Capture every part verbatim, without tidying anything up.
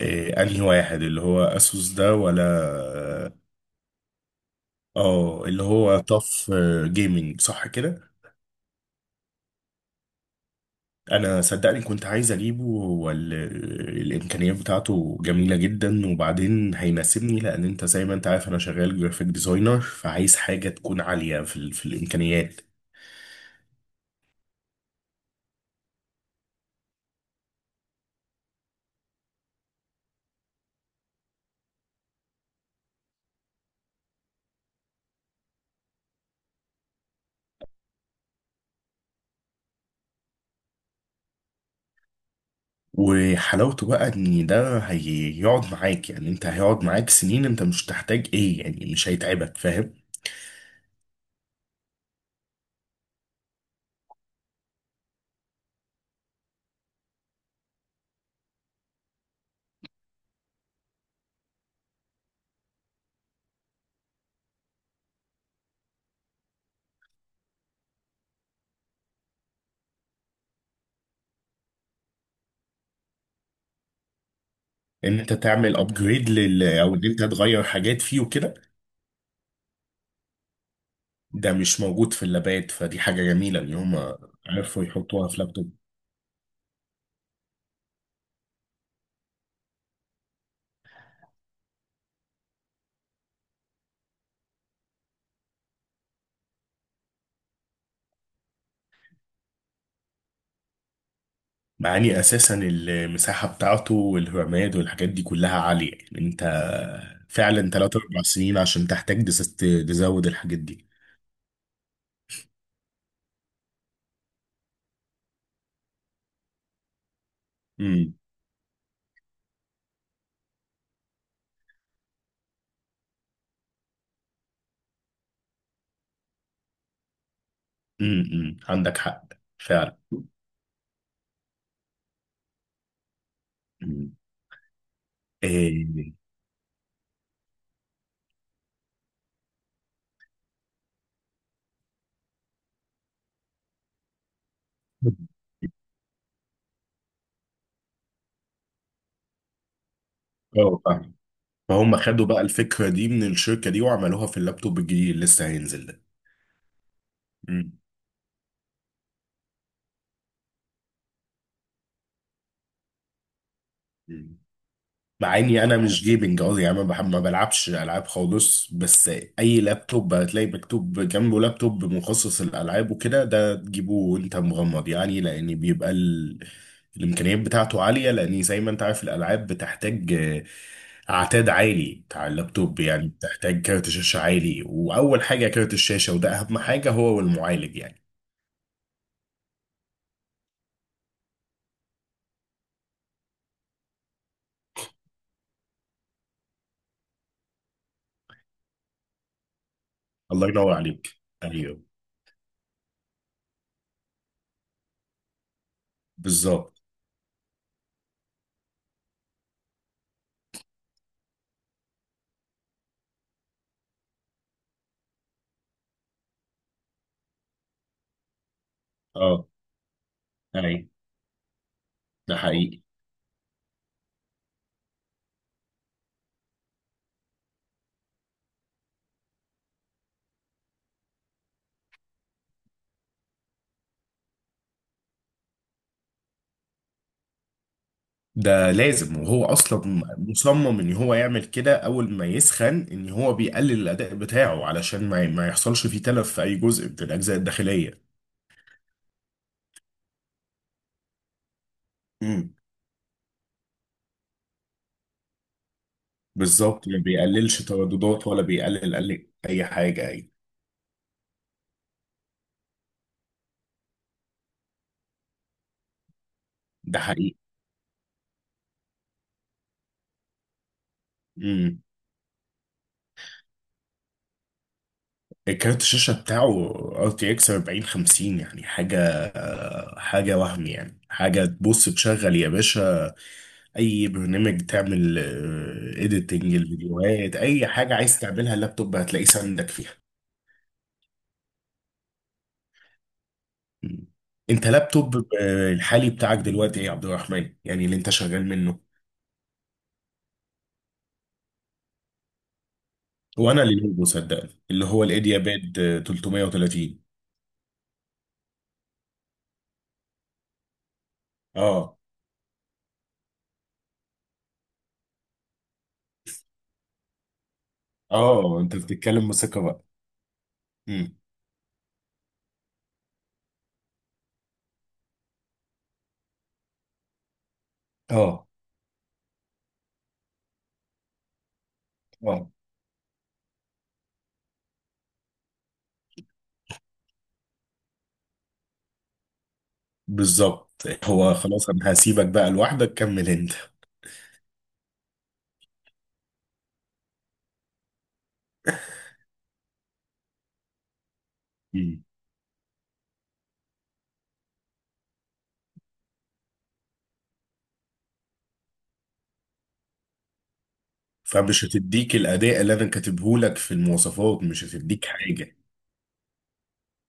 إيه انهي واحد اللي هو اسوس ده ولا اه؟ آه، اللي هو طف جيمنج، صح كده؟ انا صدقني كنت عايز اجيبه، والامكانيات بتاعته جميله جدا، وبعدين هيناسبني لان انت زي ما انت عارف انا شغال جرافيك ديزاينر، فعايز حاجه تكون عاليه في ال- في الامكانيات. وحلاوته بقى ان ده هيقعد معاك، يعني انت هيقعد معاك سنين، انت مش تحتاج ايه، يعني مش هيتعبك، فاهم؟ ان انت تعمل ابجريد لل او ان انت تغير حاجات فيه وكده. ده مش موجود في اللابات، فدي حاجة جميلة ان هم عرفوا يحطوها في لابتوب. مع اني اساسا المساحة بتاعته والرامات والحاجات دي كلها عالية، يعني انت فعلا تلات اربع سنين عشان تحتاج تس- تزود الحاجات دي. امم امم أمم. عندك حق، فعلا. أمم. إيه. اه، فاهم. فهم خدوا بقى الفكرة دي من الشركة دي، وعملوها في اللابتوب الجديد اللي لسه هينزل ده. امم أمم. مع اني انا مش جيمنج قوي، يعني ما بحب ما بلعبش العاب خالص. بس اي لابتوب هتلاقي مكتوب جنبه لابتوب مخصص للالعاب وكده، ده تجيبه وانت مغمض، يعني لان بيبقى ال... الامكانيات بتاعته عاليه، لان زي ما انت عارف الالعاب بتحتاج آه، اعتاد عالي بتاع اللابتوب. يعني بتحتاج كارت شاشه عالي، واول حاجه كارت الشاشه، وده اهم حاجه هو المعالج يعني. الله ينور عليك. ايوه. بالظبط. اه. ايوه. ده حقيقي. ده لازم، وهو اصلا مصمم ان هو يعمل كده، اول ما يسخن ان هو بيقلل الاداء بتاعه، علشان ما ما يحصلش فيه تلف في اي جزء من الاجزاء الداخليه. امم. بالظبط. ما بيقللش ترددات ولا بيقلل قل- اي حاجه اي. ده حقيقي. امم. الكارت الشاشه بتاعه ار تي اكس اربعين خمسين، يعني حاجه حاجه وهم، يعني حاجه تبص تشغل يا باشا اي برنامج تعمل اديتنج الفيديوهات، اي حاجه عايز تعملها اللابتوب هتلاقيه ساندك فيها. مم. انت لابتوب آه، الحالي بتاعك دلوقتي ايه يا عبد الرحمن، يعني اللي انت شغال منه؟ هو انا لينوفو، صدقني اللي هو الايديا باد، آه، تلتمية وتلاتين. اه. اه، انت بتتكلم بثقه بقى. امم. اه. اه. بالظبط. هو خلاص انا هسيبك بقى لوحدك، كمل انت. مم. فمش هتديك الاداء اللي انا كاتبه لك في المواصفات، مش هتديك حاجه.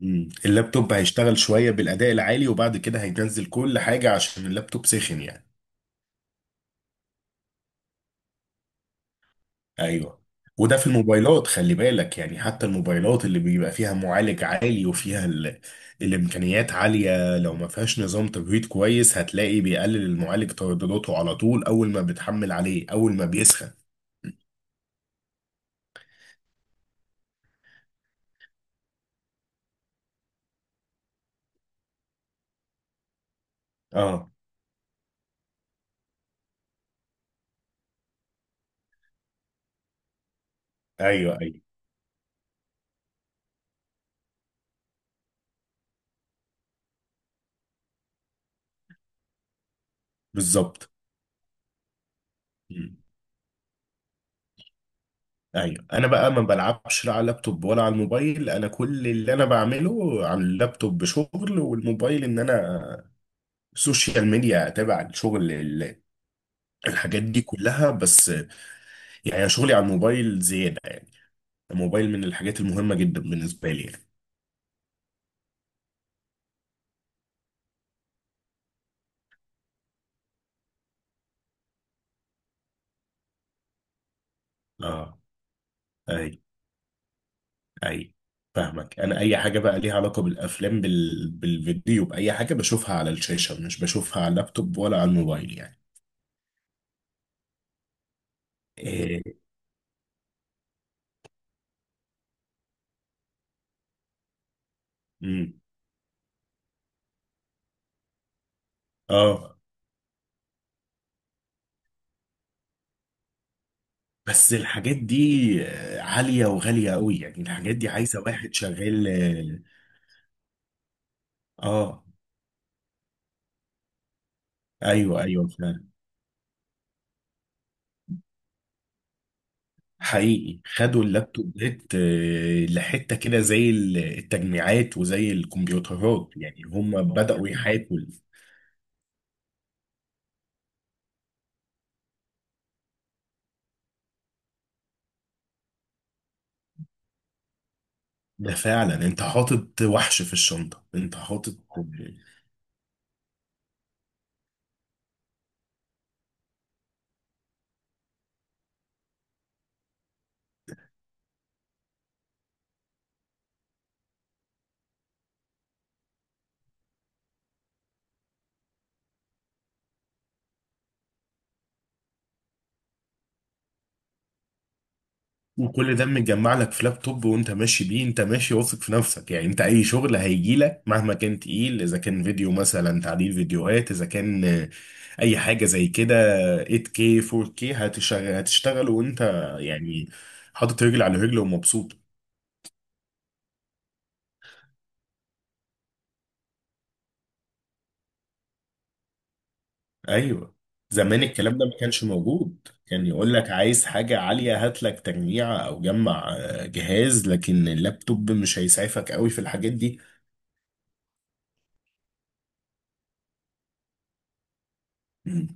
مم. اللابتوب هيشتغل شويه بالاداء العالي وبعد كده هينزل كل حاجه عشان اللابتوب سخن يعني. ايوه. وده في الموبايلات خلي بالك، يعني حتى الموبايلات اللي بيبقى فيها معالج عالي وفيها ال... الامكانيات عاليه، لو ما فيهاش نظام تبريد كويس هتلاقي بيقلل المعالج تردداته على طول اول ما بتحمل عليه، اول ما بيسخن. اه. ايوه. ايوه. بالظبط. مم. ايوه. انا بقى ما بلعبش لا على اللابتوب ولا على الموبايل، انا كل اللي انا بعمله على اللابتوب شغل، والموبايل ان انا سوشيال ميديا اتابع الشغل ال- الحاجات دي كلها، بس يعني أنا شغلي على الموبايل زيادة يعني. الموبايل من الحاجات المهمة جدا بالنسبة لي يعني. اه. اي اي، فاهمك، انا اي حاجة بقى ليها علاقة بالافلام بال... بالفيديو باي حاجة بشوفها على الشاشة مش بشوفها على اللابتوب ولا على الموبايل يعني. إيه. مم. اه. بس الحاجات دي آه، عالية وغالية قوي، يعني الحاجات دي عايزة واحد شغال. اه. آه. ايوه ايوه، فعلا. حقيقي خدوا اللابتوبات آه، لحتة كده زي ال- التجميعات وزي الكمبيوترات، يعني هم بدأوا يحاكوا ال- ده فعلا انت حاطط وحش في الشنطة، انت حاطط وكل ده متجمع لك في لابتوب، وانت ماشي بيه، انت ماشي واثق في نفسك، يعني انت اي شغل هيجي لك مهما كان تقيل، اذا كان فيديو مثلا تعديل فيديوهات، اذا كان آه، اي حاجة زي كده ثمانية كي اربعة كي هتشغل هتشتغل وانت يعني حاطط رجل على رجل ومبسوط. ايوه. زمان الكلام ده ما كانش موجود، كان يقول لك عايز حاجة عالية هات لك تجميعة او جمع آه، جهاز، لكن اللابتوب مش هيسعفك قوي في الحاجات دي. مم.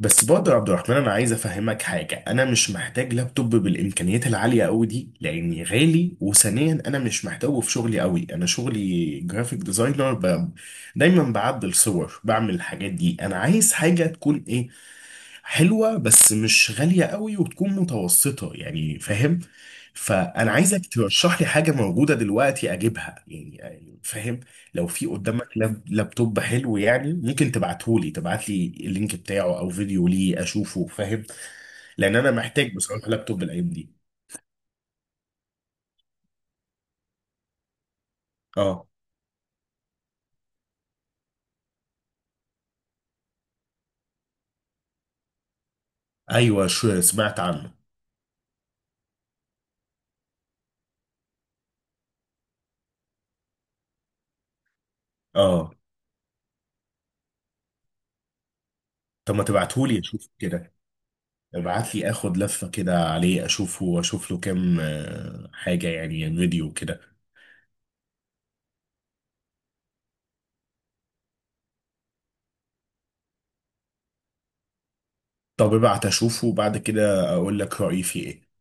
بس برضه يا عبد الرحمن انا عايز افهمك حاجة، انا مش محتاج لابتوب بالامكانيات العالية قوي دي لاني غالي، وثانيا انا مش محتاجه في شغلي قوي، انا شغلي جرافيك ديزاينر ب... دايما بعدل صور بعمل الحاجات دي. انا عايز حاجة تكون ايه، حلوة بس مش غالية قوي، وتكون متوسطة يعني فاهم. فأنا عايزك ترشح لي حاجة موجودة دلوقتي أجيبها يعني يعني فاهم. لو في قدامك لاب- لابتوب حلو يعني ممكن تبعتهولي، تبعتلي اللينك بتاعه أو فيديو ليه أشوفه فاهم. لأن أنا محتاج بصراحة لابتوب الأيام دي. أه. أيوة، شو سمعت عنه. أه. طب ما تبعتهولي أشوف كده. ابعتلي آخد لفة كده عليه أشوفه وأشوف له كام آه، حاجة يعني فيديو كده. طب ابعت اشوفه وبعد كده اقول لك رأيي فيه ايه.